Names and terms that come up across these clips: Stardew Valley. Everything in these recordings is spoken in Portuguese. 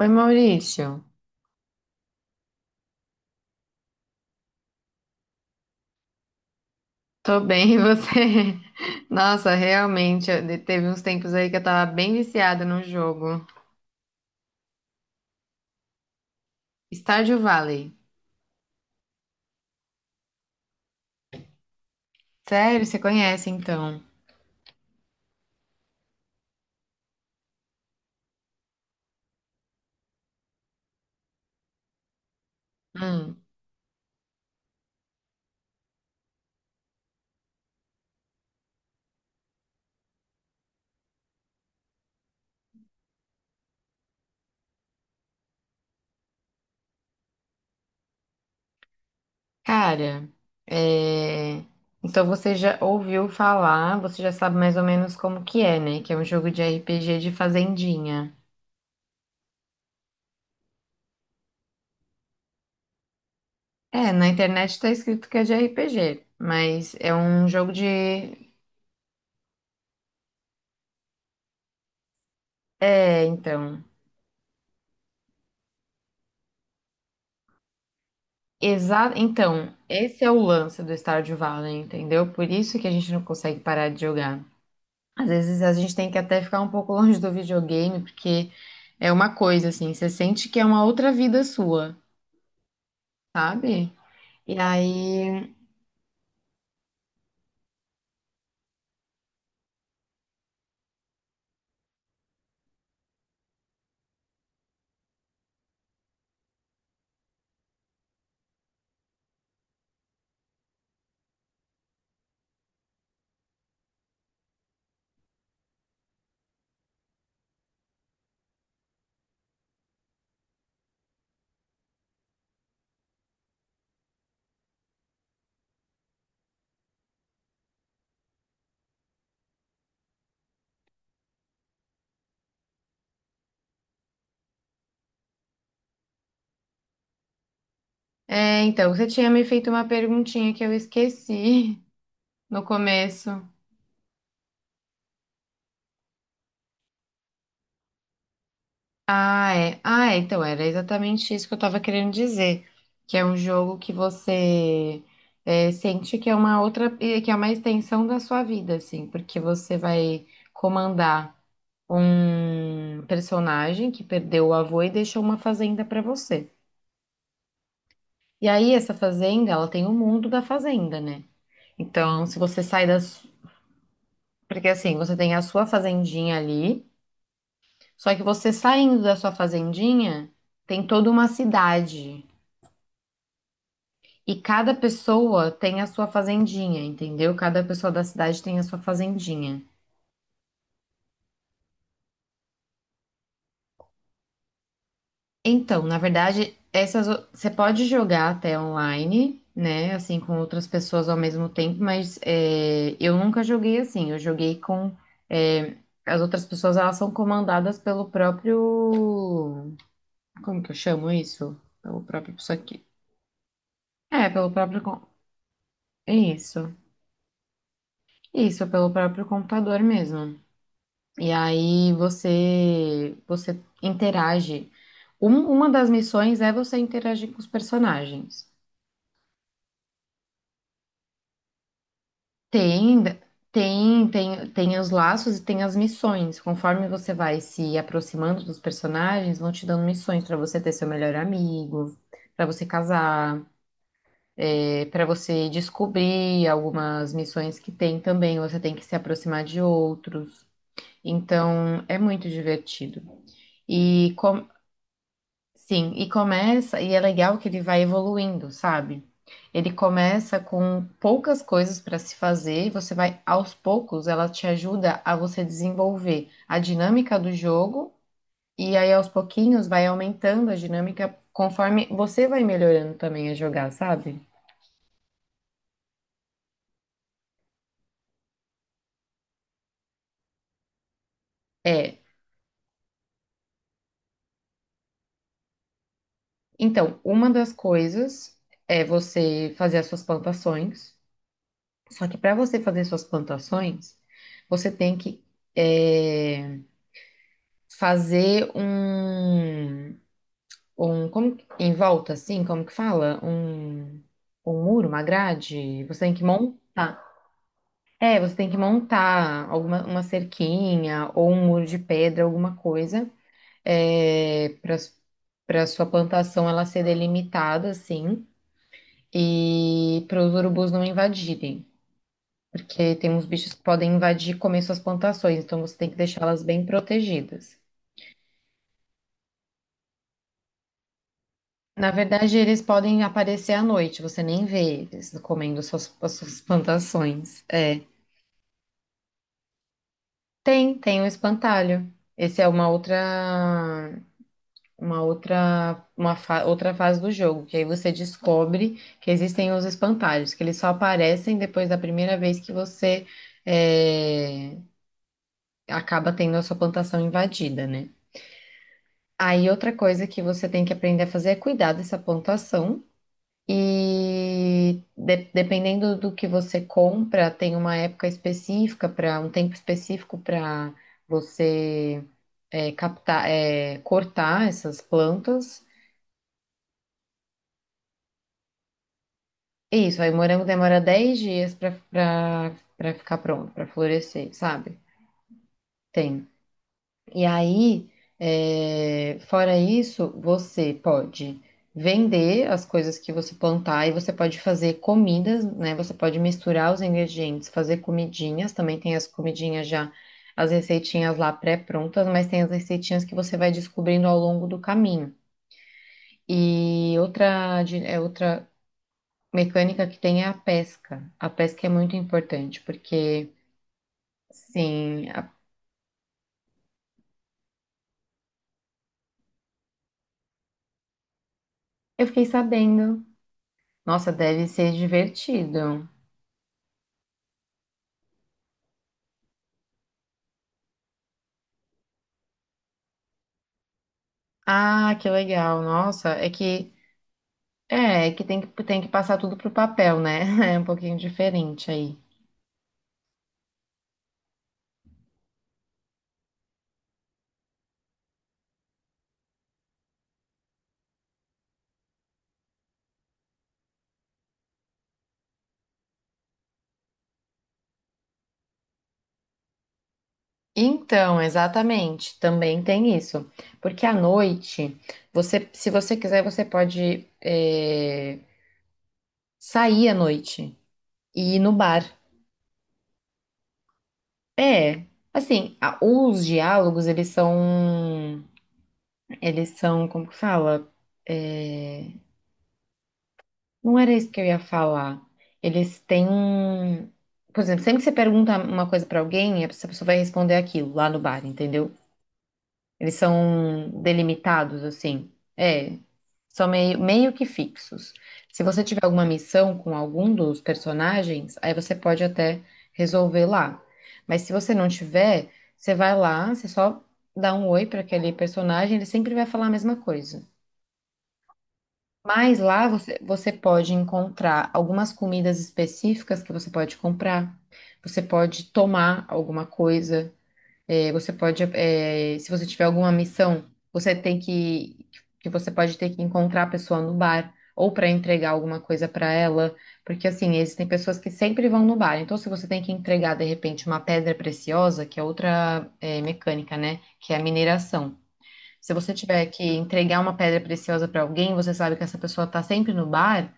Oi, Maurício. Tô bem, e você? Nossa, realmente, teve uns tempos aí que eu tava bem viciada no jogo. Stardew Valley. Sério, você conhece então? Hum, cara, é... então você já ouviu falar, você já sabe mais ou menos como que é, né? Que é um jogo de RPG de fazendinha. É, na internet tá escrito que é de RPG, mas é um jogo de... É, então. Exa então, esse é o lance do Stardew Valley, entendeu? Por isso que a gente não consegue parar de jogar. Às vezes a gente tem que até ficar um pouco longe do videogame, porque é uma coisa assim, você sente que é uma outra vida sua, sabe? E aí, é, então, você tinha me feito uma perguntinha que eu esqueci no começo. Ah, é. Ah, é. Então, era exatamente isso que eu tava querendo dizer. Que é um jogo que você é, sente que é uma outra, que é uma extensão da sua vida, assim, porque você vai comandar um personagem que perdeu o avô e deixou uma fazenda pra você. E aí, essa fazenda, ela tem o mundo da fazenda, né? Então, se você sai das. Porque assim, você tem a sua fazendinha ali, só que você saindo da sua fazendinha, tem toda uma cidade. E cada pessoa tem a sua fazendinha, entendeu? Cada pessoa da cidade tem a sua fazendinha. Então, na verdade, essas você pode jogar até online, né? Assim, com outras pessoas ao mesmo tempo, mas é, eu nunca joguei assim. Eu joguei com é, as outras pessoas, elas são comandadas pelo próprio. Como que eu chamo isso? Pelo próprio isso aqui. É, pelo próprio. Isso. Isso, pelo próprio computador mesmo. E aí você interage. Uma das missões é você interagir com os personagens. Tem tem os laços e tem as missões. Conforme você vai se aproximando dos personagens, vão te dando missões para você ter seu melhor amigo, para você casar, para você descobrir algumas missões que tem também. Você tem que se aproximar de outros. Então, é muito divertido. E Sim, e começa, e é legal que ele vai evoluindo, sabe? Ele começa com poucas coisas para se fazer, e você vai aos poucos, ela te ajuda a você desenvolver a dinâmica do jogo, e aí aos pouquinhos vai aumentando a dinâmica conforme você vai melhorando também a jogar, sabe? É. Então, uma das coisas é você fazer as suas plantações. Só que para você fazer suas plantações, você tem que. é, fazer um, um como, em volta, assim, como que fala? Um muro, uma grade. Você tem que montar. É, você tem que montar alguma uma cerquinha ou um muro de pedra, alguma coisa, para sua plantação ela ser delimitada, assim, e para os urubus não invadirem. Porque tem uns bichos que podem invadir e comer suas plantações, então você tem que deixá-las bem protegidas. Na verdade, eles podem aparecer à noite, você nem vê eles comendo suas, as suas plantações. É. Tem, tem o espantalho. Esse é uma outra, outra fase do jogo, que aí você descobre que existem os espantalhos, que eles só aparecem depois da primeira vez que você é, acaba tendo a sua plantação invadida, né? Aí outra coisa que você tem que aprender a fazer é cuidar dessa plantação. E dependendo do que você compra, tem uma época específica para um tempo específico para você captar, é, cortar essas plantas. E isso, aí o morango demora 10 dias para ficar pronto, para florescer, sabe? Tem. E aí, é, fora isso, você pode vender as coisas que você plantar e você pode fazer comidas, né? Você pode misturar os ingredientes, fazer comidinhas. Também tem as comidinhas já, as receitinhas lá pré-prontas, mas tem as receitinhas que você vai descobrindo ao longo do caminho. E outra, é outra mecânica que tem é a pesca. A pesca é muito importante, porque, sim, a- eu fiquei sabendo. Nossa, deve ser divertido. Ah, que legal. Nossa, é que é, é que tem que passar tudo pro papel, né? É um pouquinho diferente aí. Então, exatamente, também tem isso. Porque à noite, você, se você quiser, você pode é, sair à noite e ir no bar. É, assim, os diálogos, eles são, como que fala? Eh, Não era isso que eu ia falar. Eles têm um. Por exemplo, sempre que você pergunta uma coisa pra alguém, essa pessoa vai responder aquilo lá no bar, entendeu? Eles são delimitados, assim. É, são meio, meio que fixos. Se você tiver alguma missão com algum dos personagens, aí você pode até resolver lá. Mas se você não tiver, você vai lá, você só dá um oi pra aquele personagem, ele sempre vai falar a mesma coisa. Mas lá você, você pode encontrar algumas comidas específicas que você pode comprar. Você pode tomar alguma coisa. Você pode, se você tiver alguma missão, você tem que, que você pode ter que encontrar a pessoa no bar ou para entregar alguma coisa para ela, porque assim existem pessoas que sempre vão no bar. Então, se você tem que entregar de repente uma pedra preciosa, que é outra, mecânica, né, que é a mineração. Se você tiver que entregar uma pedra preciosa para alguém, você sabe que essa pessoa tá sempre no bar,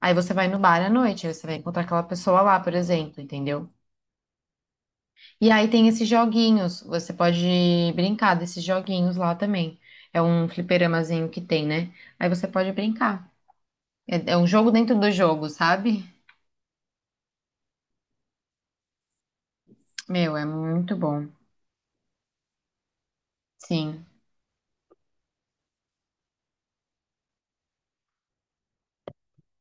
aí você vai no bar à noite, aí você vai encontrar aquela pessoa lá, por exemplo, entendeu? E aí tem esses joguinhos, você pode brincar desses joguinhos lá também. É um fliperamazinho que tem, né? Aí você pode brincar. É, é um jogo dentro do jogo, sabe? Meu, é muito bom. Sim.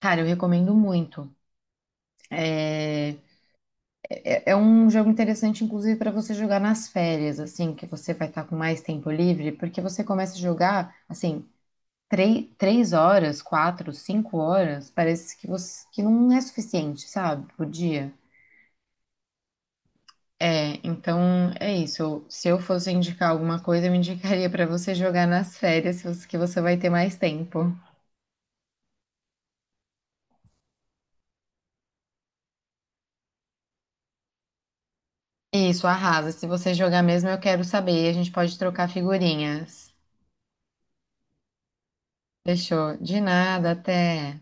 Cara, eu recomendo muito. É um jogo interessante, inclusive, para você jogar nas férias, assim, que você vai estar com mais tempo livre, porque você começa a jogar, assim, três, 3 horas, quatro, 5 horas, parece que você que não é suficiente, sabe, por dia. É, então é isso. Eu- Se eu fosse indicar alguma coisa, eu indicaria para você jogar nas férias, se você- que você vai ter mais tempo. Isso, arrasa. Se você jogar mesmo, eu quero saber. A gente pode trocar figurinhas. Fechou. De nada, até.